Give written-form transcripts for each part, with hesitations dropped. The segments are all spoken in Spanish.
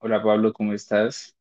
Hola, Pablo, ¿cómo estás?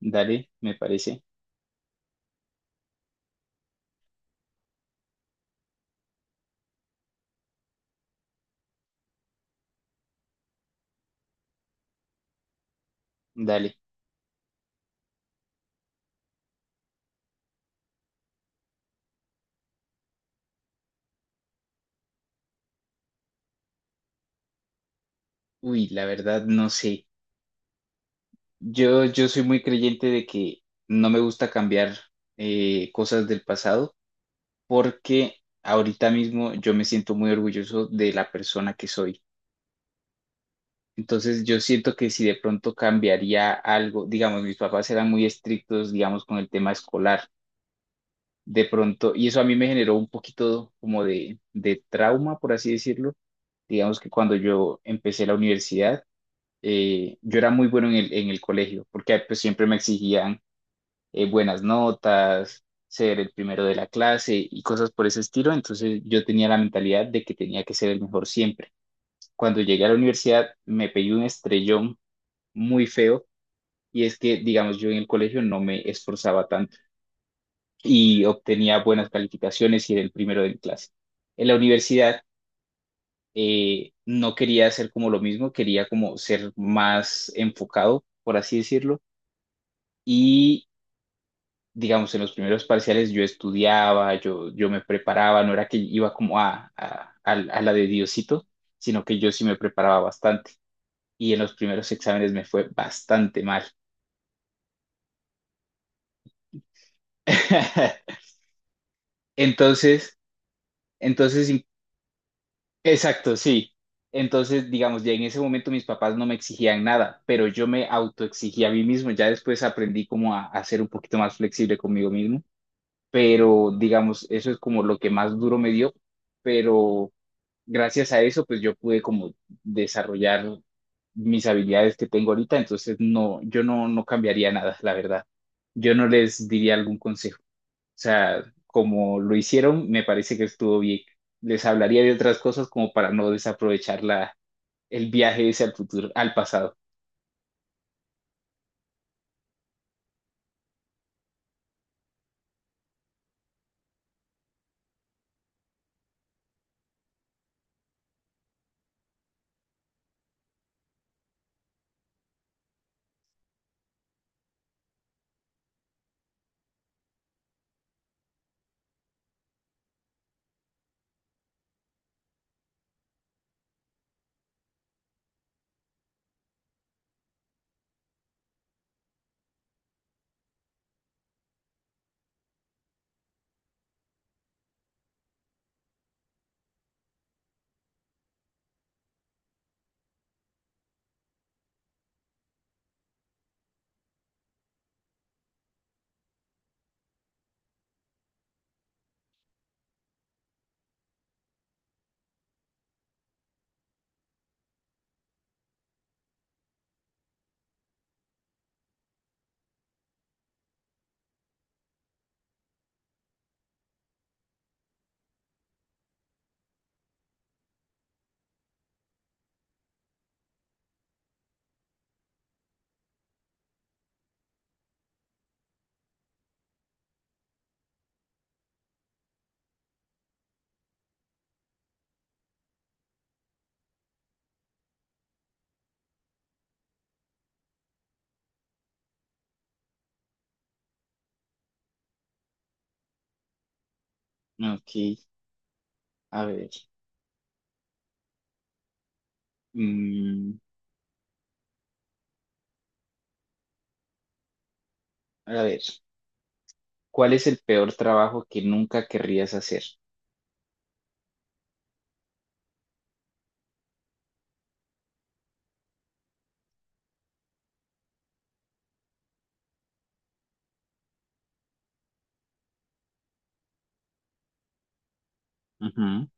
Dale, me parece. Dale. Uy, la verdad no sé. Yo soy muy creyente de que no me gusta cambiar cosas del pasado porque ahorita mismo yo me siento muy orgulloso de la persona que soy. Entonces yo siento que si de pronto cambiaría algo, digamos, mis papás eran muy estrictos, digamos, con el tema escolar. De pronto, y eso a mí me generó un poquito como de trauma, por así decirlo. Digamos que cuando yo empecé la universidad, yo era muy bueno en el colegio, porque pues, siempre me exigían buenas notas, ser el primero de la clase y cosas por ese estilo, entonces yo tenía la mentalidad de que tenía que ser el mejor siempre. Cuando llegué a la universidad me pegué un estrellón muy feo y es que, digamos, yo en el colegio no me esforzaba tanto y obtenía buenas calificaciones y era el primero de mi clase. En la universidad, no quería hacer como lo mismo, quería como ser más enfocado, por así decirlo. Y, digamos, en los primeros parciales yo estudiaba, yo me preparaba, no era que iba como a, a la de Diosito, sino que yo sí me preparaba bastante. Y en los primeros exámenes me fue bastante mal. Entonces, entonces, in- exacto, sí. Entonces, digamos, ya en ese momento mis papás no me exigían nada, pero yo me autoexigía a mí mismo. Ya después aprendí como a ser un poquito más flexible conmigo mismo, pero digamos, eso es como lo que más duro me dio, pero gracias a eso, pues yo pude como desarrollar mis habilidades que tengo ahorita, entonces no, yo no, no cambiaría nada, la verdad. Yo no les diría algún consejo. O sea, como lo hicieron, me parece que estuvo bien. Les hablaría de otras cosas como para no desaprovechar la, el viaje ese al futuro, al pasado. Ok, a ver. Mm, a ver, ¿cuál es el peor trabajo que nunca querrías hacer? Ujú.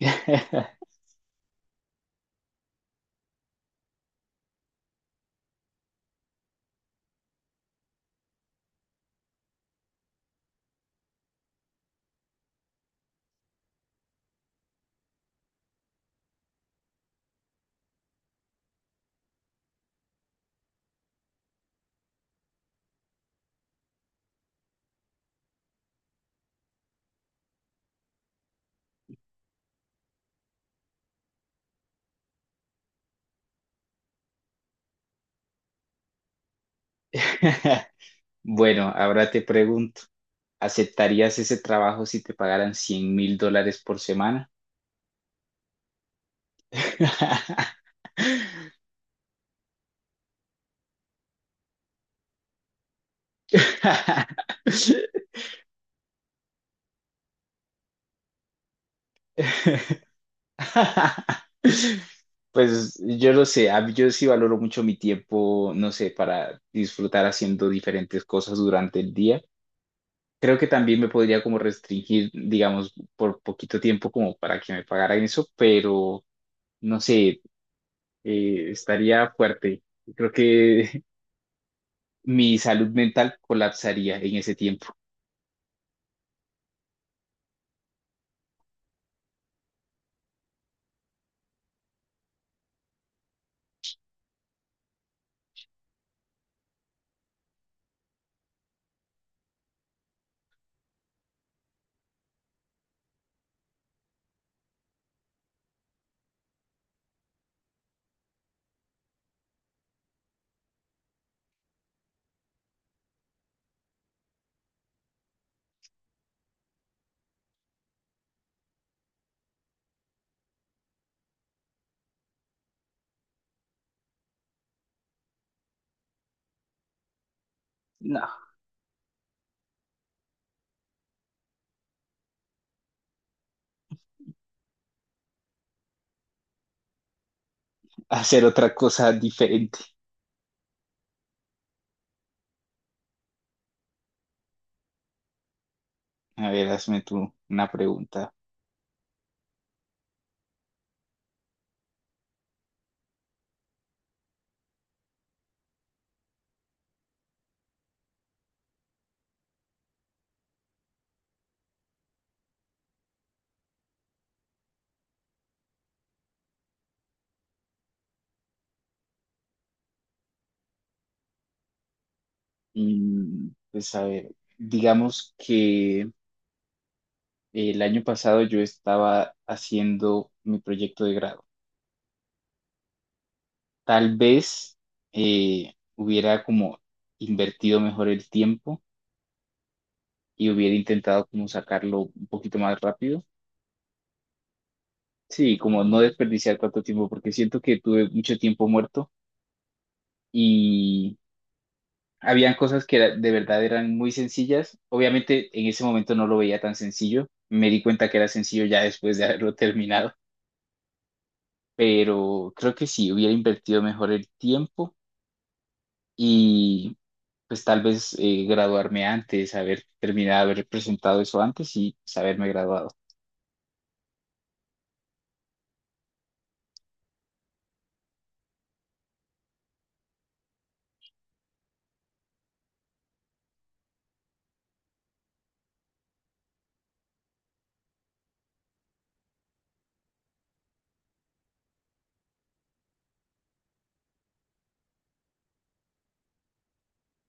Bueno, ahora te pregunto. ¿Aceptarías ese trabajo si te pagaran $100.000 por semana? Pues yo lo sé, a- yo sí valoro mucho mi tiempo, no sé, para disfrutar haciendo diferentes cosas durante el día. Creo que también me podría como restringir, digamos, por poquito tiempo como para que me pagaran eso, pero no sé, estaría fuerte. Creo que mi salud mental colapsaría en ese tiempo. No, hacer otra cosa diferente. A ver, hazme tú una pregunta. Mm, pues a ver, digamos que el año pasado yo estaba haciendo mi proyecto de grado. Tal vez hubiera como invertido mejor el tiempo y hubiera intentado como sacarlo un poquito más rápido. Sí, como no desperdiciar tanto tiempo, porque siento que tuve mucho tiempo muerto y habían cosas de verdad eran muy sencillas. Obviamente en ese momento no lo veía tan sencillo. Me di cuenta que era sencillo ya después de haberlo terminado, pero creo que sí, hubiera invertido mejor el tiempo y pues tal vez graduarme antes, haber terminado, haber presentado eso antes y pues, haberme graduado.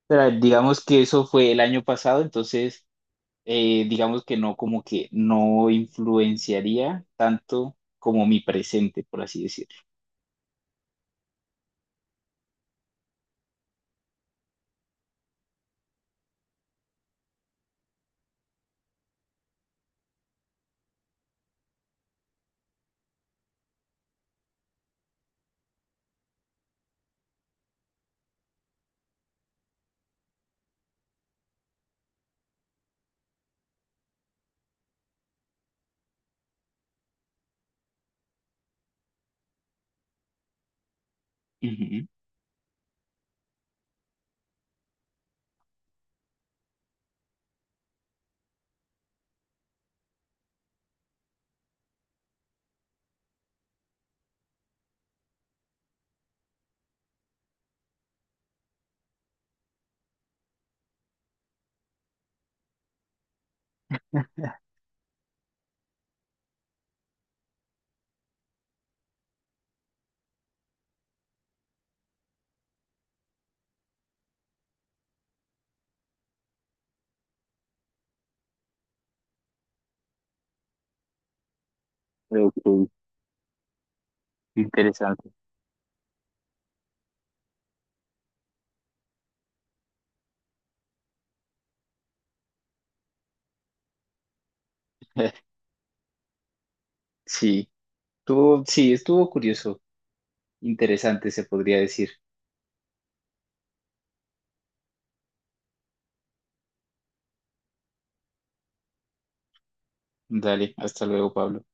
Pero digamos que eso fue el año pasado, entonces digamos que no, como que no influenciaría tanto como mi presente, por así decirlo. Ujú. Ok. Interesante. Sí, sí, estuvo curioso, interesante se podría decir. Dale, hasta luego, Pablo.